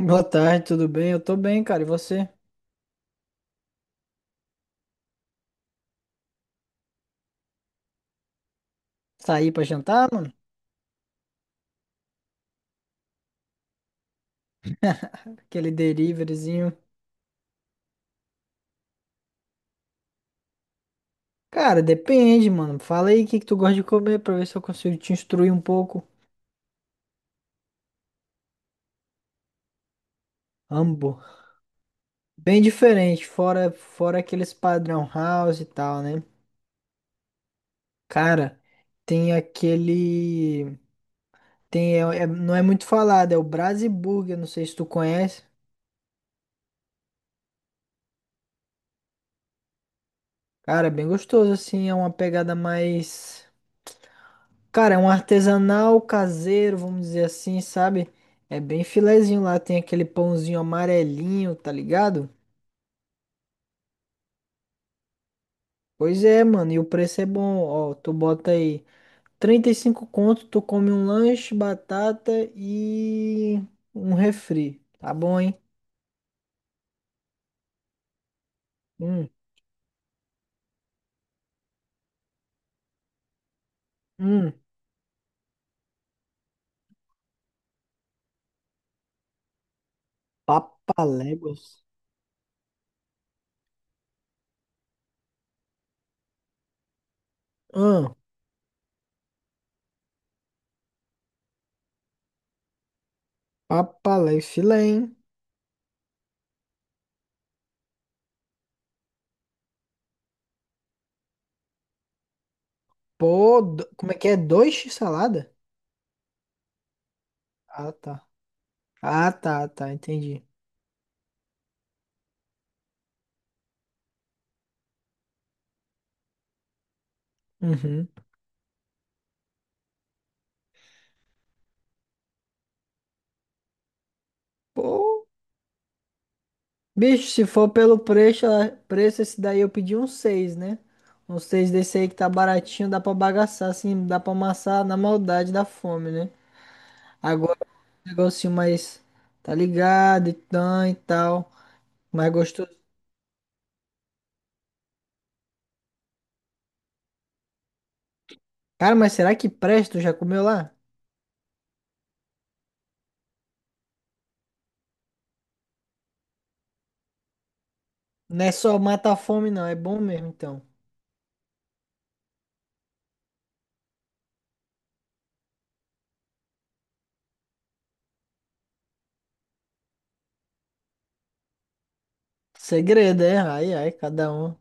Boa tarde, tudo bem? Eu tô bem, cara. E você? Sair pra jantar, mano? Aquele deliveryzinho. Cara, depende, mano. Fala aí o que que tu gosta de comer pra ver se eu consigo te instruir um pouco. Ambo. Bem diferente, fora aqueles padrão house e tal, né? Cara, tem aquele tem é- é- não é muito falado, é o Brasiburger, não sei se tu conhece. Cara, é bem gostoso assim, é uma pegada mais. Cara, é um artesanal caseiro, vamos dizer assim, sabe? É bem filezinho lá, tem aquele pãozinho amarelinho, tá ligado? Pois é, mano, e o preço é bom, ó, tu bota aí 35 conto, tu come um lanche, batata e um refri, tá bom, hein? Hum, hum, Papaléguas. Hum, Papalé, filé, hein? Pô, como é que é? Dois x salada? Ah, tá. Ah, tá, tá, entendi. Uhum. Pô, bicho, se for pelo preço, ah, preço esse daí eu pedi um seis, né? Um 6 desse aí que tá baratinho, dá pra bagaçar, assim, dá pra amassar na maldade da fome, né? Agora o negocinho mais, tá ligado, e tã e tal, mais gostoso. Cara, mas será que presta? Tu já comeu lá? Não é só mata a fome, não, é bom mesmo, então. Segredo, é? Ai, ai, cada um.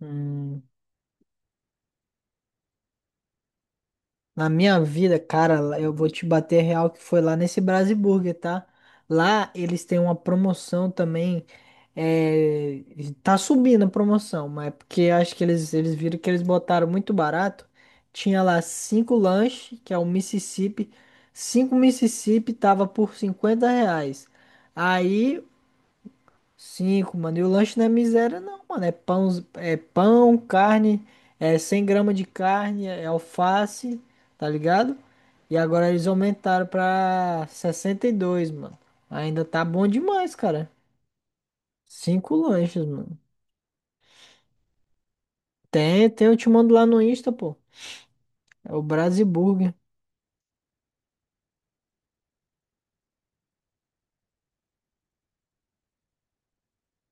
Hum. Na minha vida, cara, eu vou te bater real que foi lá nesse Brasiburger, tá? Lá eles têm uma promoção também. É, tá subindo a promoção, mas é porque acho que eles, viram que eles botaram muito barato. Tinha lá cinco lanches, que é o Mississippi. Cinco Mississippi tava por 50 reais. Aí cinco, mano. E o lanche não é miséria, não, mano. É pão, carne, é 100 gramas de carne, é alface, tá ligado? E agora eles aumentaram pra 62, mano. Ainda tá bom demais, cara. Cinco lanches, mano. Tem, eu te mando lá no Insta, pô. É o Brasiburger.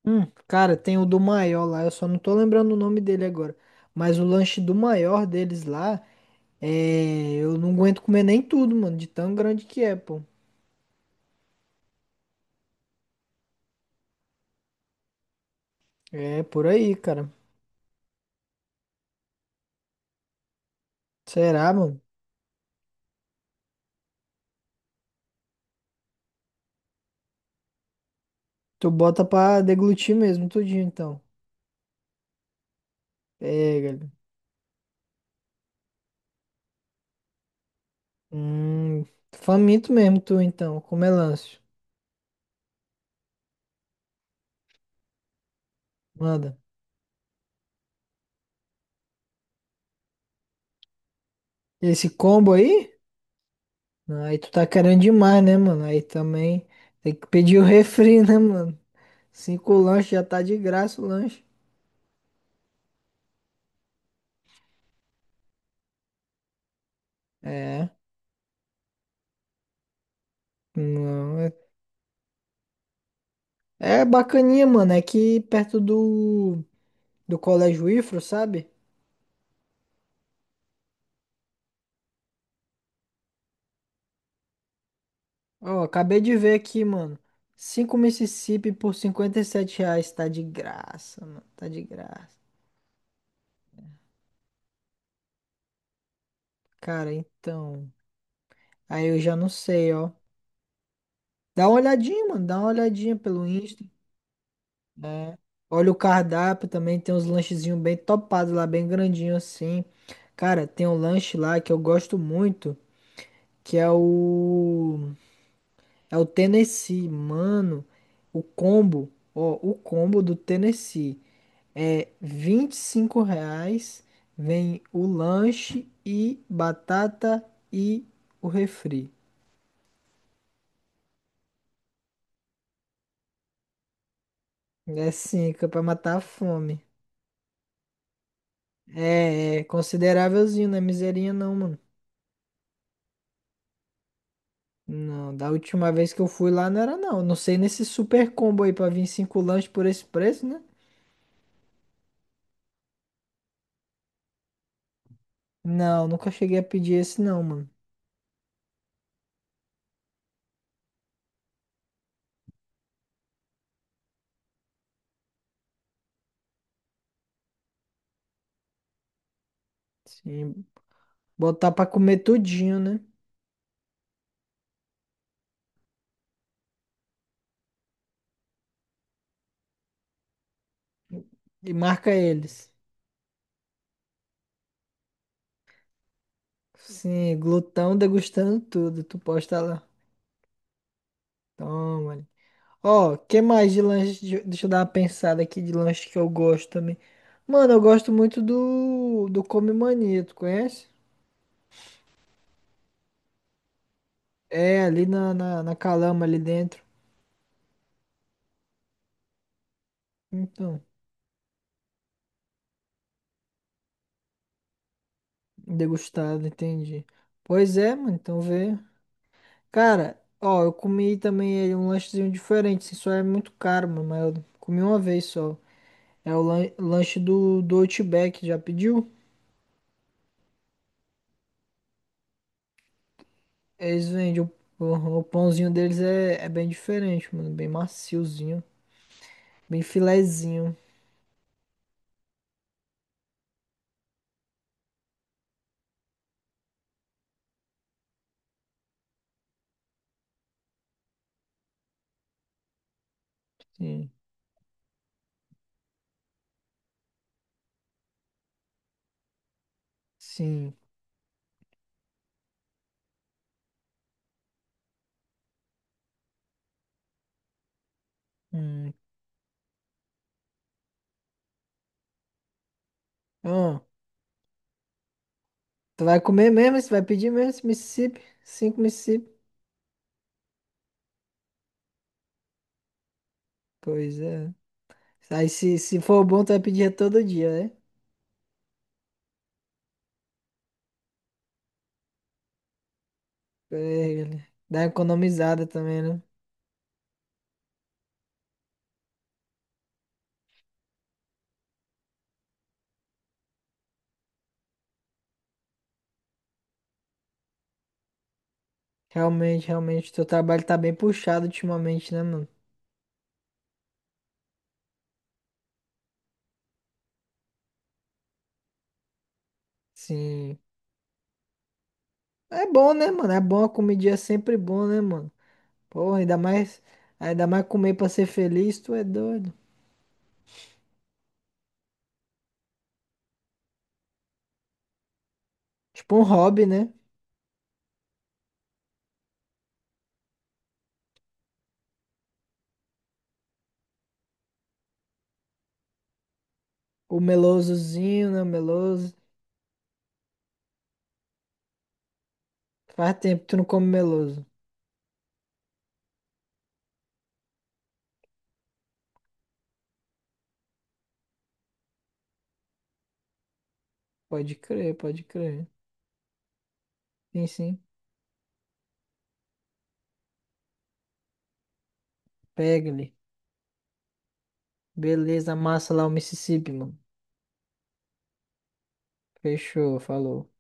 Cara, tem o do maior lá, eu só não tô lembrando o nome dele agora. Mas o lanche do maior deles lá, é, eu não aguento comer nem tudo, mano, de tão grande que é, pô. É por aí, cara. Será, mano? Tu bota pra deglutir mesmo, tudinho, então. Pega ali. Hum, Faminto mesmo, tu, então. Com melancia. Manda. Esse combo aí? Aí tu tá querendo demais, né, mano? Aí também tem que pedir o refri, né, mano? Cinco lanches já tá de graça o lanche. É. Não, é bacaninha, mano. É que perto do, Colégio Ifro, sabe? Ó, acabei de ver aqui, mano. Cinco Mississippi por 57 reais. Tá de graça, mano. Tá de graça. Cara, então. Aí eu já não sei, ó. Dá uma olhadinha, mano. Dá uma olhadinha pelo Insta, né? Olha o cardápio também. Tem uns lanchezinhos bem topados lá, bem grandinho assim. Cara, tem um lanche lá que eu gosto muito. Que é o. É o Tennessee, mano. O combo. Ó, o combo do Tennessee. É 25 reais, vem o lanche e batata e o refri. É sim, que é pra matar a fome. É considerávelzinho, não é miserinha não, mano. Não, da última vez que eu fui lá não era não. Não sei nesse super combo aí pra vir cinco lanches por esse preço, né? Não, nunca cheguei a pedir esse não, mano. Sim, botar pra comer tudinho, né? E marca eles. Sim, glutão degustando tudo. Tu posta lá. Toma. Ó, que mais de lanche? Deixa eu dar uma pensada aqui de lanche que eu gosto também. Mano, eu gosto muito do, Come Mania, tu conhece? É, ali na, na Calama, ali dentro. Então, degustado, entendi. Pois é, mano, então vê. Cara, ó, eu comi também ele, um lanchezinho diferente, assim, só é muito caro, mano, mas eu comi uma vez só. É o lanche do, Outback, já pediu? Eles vendem. O pãozinho deles é bem diferente, mano, bem maciozinho. Bem filezinho. Sim. Sim. Hum. Ah, tu vai comer mesmo? Você vai pedir mesmo esse Mississippi? Cinco Mississippi. Pois é. Aí se for bom, tu vai pedir é todo dia, né? É, dá uma economizada também, né? Realmente, realmente. Teu trabalho tá bem puxado ultimamente, né, mano? Sim. É bom, né, mano? É bom, a comidinha é sempre bom, né, mano? Porra, ainda mais comer pra ser feliz, tu é doido. Tipo um hobby, né? O melosozinho, né? O meloso. Faz tempo que tu não come meloso. Pode crer, pode crer. Sim, sim. Pega-lhe. Beleza, amassa lá o Mississippi, mano. Fechou, falou.